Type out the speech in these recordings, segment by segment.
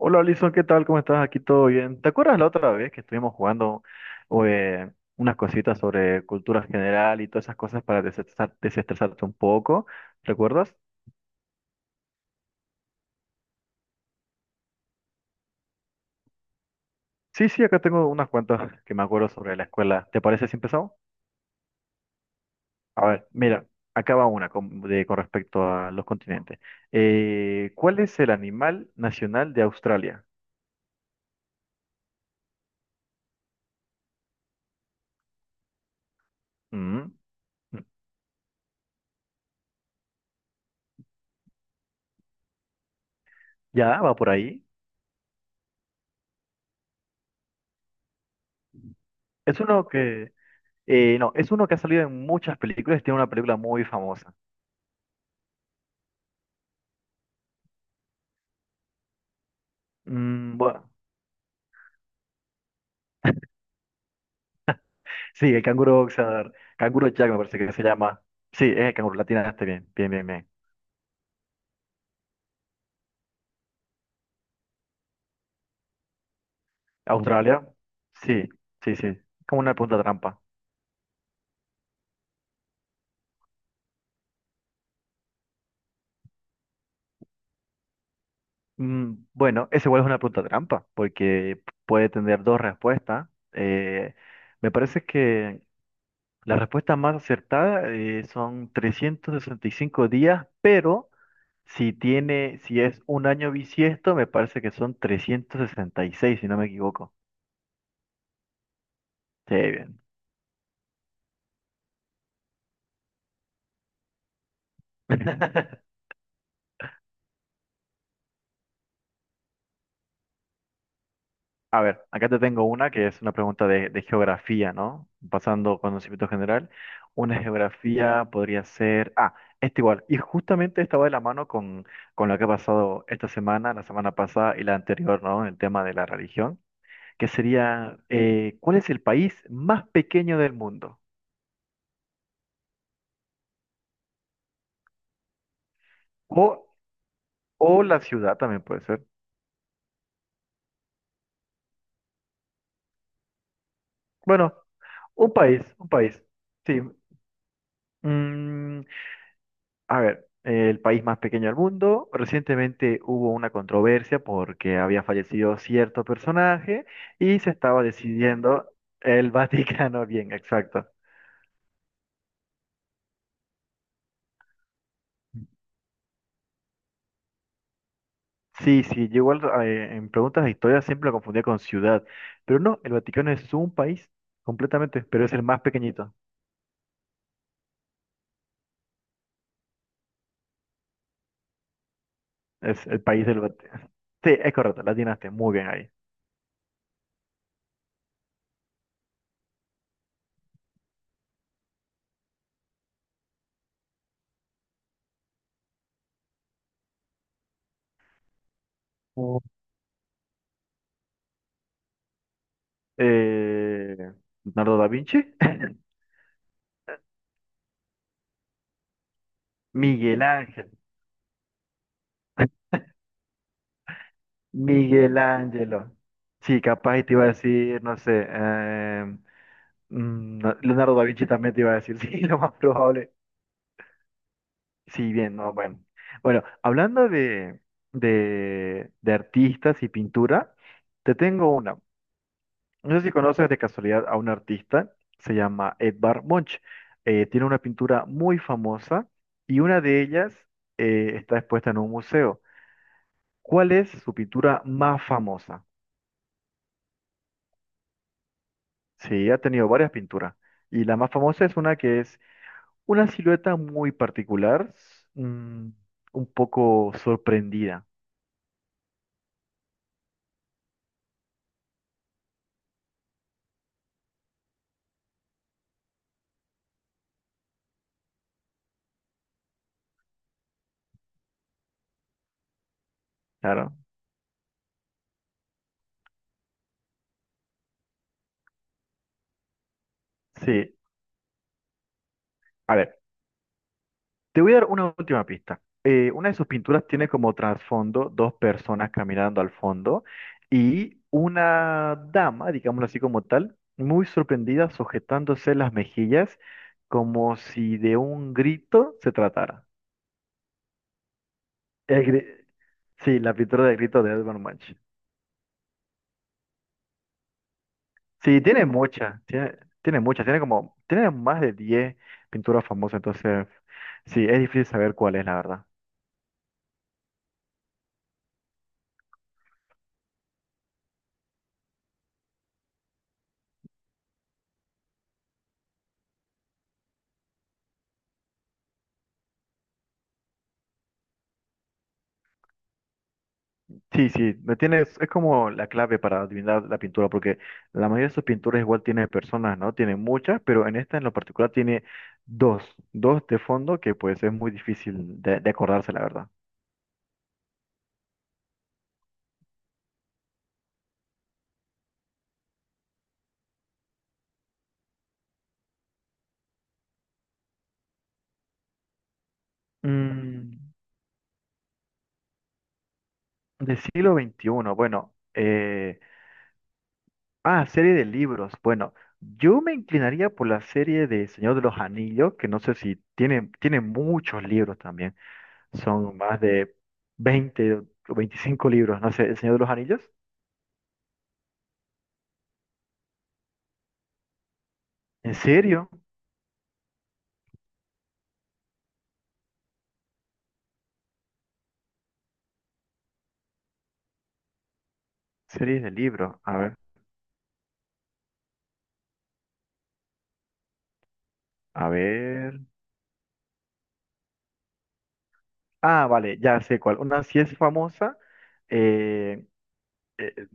Hola, Alison, ¿qué tal? ¿Cómo estás? Aquí todo bien. ¿Te acuerdas la otra vez que estuvimos jugando eh, unas cositas sobre cultura general y todas esas cosas para desestresarte un poco? ¿Recuerdas? Sí, sí, acá tengo unas cuantas que me acuerdo sobre la escuela. ¿Te parece si empezamos? A ver, mira, acá va una con respecto a los continentes. ¿Cuál es el animal nacional de Australia? Mm, ya, va por ahí. Es uno que, no, es uno que ha salido en muchas películas y tiene una película muy famosa. Mm, bueno, sí, el canguro boxeador. Canguro Jack me parece que se llama. Sí, es el canguro, latina, este bien, bien, bien, bien. ¿Australia? Sí, sí, sí. Como una pregunta trampa. Mm, bueno, es igual es una pregunta trampa, porque puede tener dos respuestas. Me parece que la respuesta más acertada son 365 días, pero si tiene, si es un año bisiesto, me parece que son 366 si no me equivoco. Sí, bien. A ver, acá te tengo una que es una pregunta de geografía, ¿no? Pasando conocimiento general, una geografía podría ser... Ah, esta igual. Y justamente estaba de la mano con lo que ha pasado esta semana, la semana pasada y la anterior, ¿no? El tema de la religión, que sería, ¿cuál es el país más pequeño del mundo? O, o la ciudad también puede ser. Bueno, un país, un país. Sí. Mm, a ver, el país más pequeño del mundo. Recientemente hubo una controversia porque había fallecido cierto personaje y se estaba decidiendo el Vaticano. Bien, exacto. Sí, sí, yo igual en preguntas de historia siempre lo confundía con ciudad, pero no, el Vaticano es un país completamente, pero es el más pequeñito, es el país del Vaticano. Sí, es correcto, la atinaste, muy bien ahí. Oh, Eh, Leonardo da Vinci. Miguel Ángel. Miguel Ángelo. Sí, capaz te iba a decir, no sé, no, Leonardo da Vinci también te iba a decir, sí, lo más probable. Sí, bien, no, bueno. Bueno, hablando de, de artistas y pintura, te tengo una. No sé si conoces de casualidad a un artista, se llama Edvard Munch. Tiene una pintura muy famosa y una de ellas está expuesta en un museo. ¿Cuál es su pintura más famosa? Sí, ha tenido varias pinturas. Y la más famosa es una que es una silueta muy particular, un poco sorprendida, claro. Sí, a ver, te voy a dar una última pista. Una de sus pinturas tiene como trasfondo dos personas caminando al fondo y una dama, digámoslo así como tal, muy sorprendida, sujetándose las mejillas como si de un grito se tratara. El gri- sí, la pintura del grito de Edvard Munch. Sí, tiene muchas, tiene muchas, tiene como, tiene más de 10 pinturas famosas, entonces sí, es difícil saber cuál es, la verdad. Sí, sí, me tienes, es como la clave para adivinar la pintura, porque la mayoría de sus pinturas igual tiene personas, ¿no? Tiene muchas, pero en esta en lo particular tiene dos, dos de fondo que pues es muy difícil de acordarse, la verdad. Mm, del siglo XXI, bueno, ah, serie de libros. Bueno, yo me inclinaría por la serie de Señor de los Anillos, que no sé si tiene, tiene muchos libros también. Son más de 20 o 25 libros, no sé, El Señor de los Anillos. ¿En serio? Series de libros. A ver, a ver. Ah, vale, ya sé cuál. Una sí es famosa, eh, eh,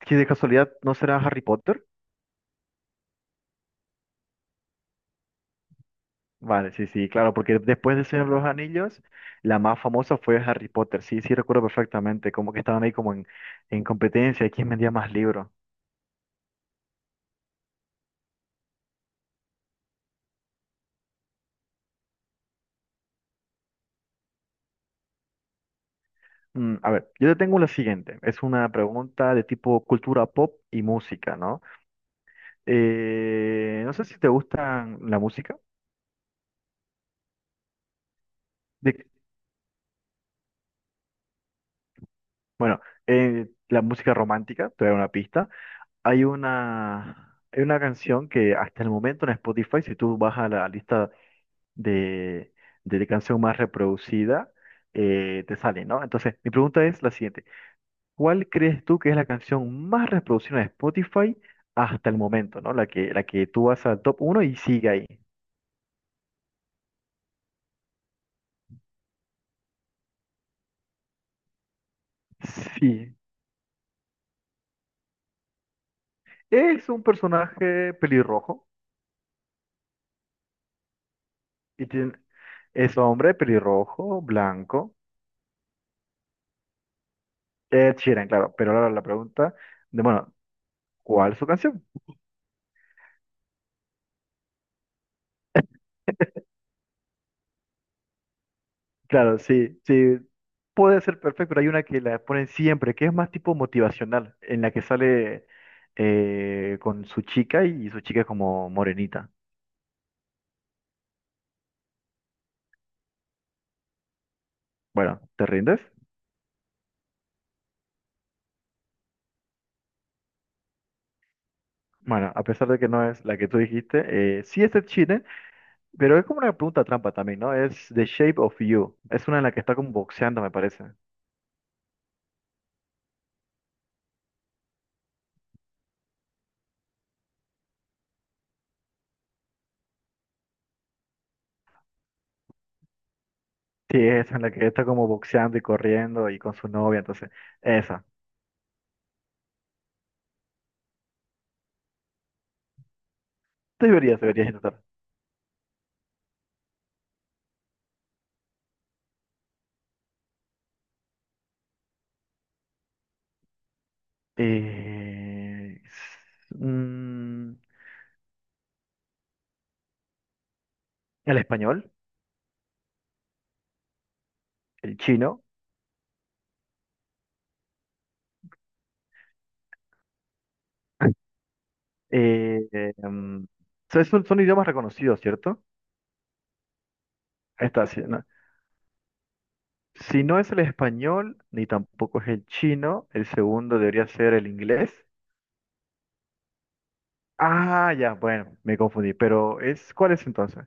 que de casualidad no será Harry Potter. Vale, sí, sí, claro, porque después de Señor de los Anillos, la más famosa fue Harry Potter. Sí, sí, recuerdo perfectamente, como que estaban ahí como en competencia, de quién vendía más libros. Mm, a ver, yo te tengo la siguiente. Es una pregunta de tipo cultura pop y música, ¿no? No sé si te gustan la música. De- bueno, la música romántica, te voy a dar una pista. Hay una canción que hasta el momento en Spotify, si tú vas a la lista de, de canción más reproducida te sale, ¿no? Entonces, mi pregunta es la siguiente. ¿Cuál crees tú que es la canción más reproducida de Spotify hasta el momento? ¿No? La que tú vas al top uno y sigue ahí. Sí. Es un personaje pelirrojo y tiene, es hombre pelirrojo, blanco. Ed Sheeran, claro. Pero ahora la pregunta bueno, ¿cuál es su canción? Claro, sí, sí, puede ser perfecto, pero hay una que la ponen siempre, que es más tipo motivacional, en la que sale con su chica y su chica es como morenita. Bueno, ¿te rindes? Bueno, a pesar de que no es la que tú dijiste, sí es de Chile, pero es como una pregunta trampa también, ¿no? Es The Shape of You, es una en la que está como boxeando, me parece. Sí, es en la que está como boxeando y corriendo y con su novia, entonces, esa. Deberías, deberías intentar. Eh, s- mm, el español, el chino. eh, em, son idiomas reconocidos, ¿cierto? Ahí está, sí, no. Si no es el español, ni tampoco es el chino, el segundo debería ser el inglés. Ah, ya, bueno, me confundí, pero es, ¿cuál es entonces?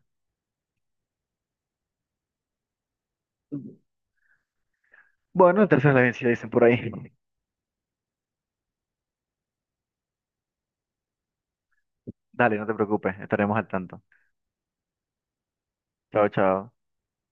Bueno, el tercero es la vencida, dicen por ahí. Dale, no te preocupes, estaremos al tanto. Chao, chao.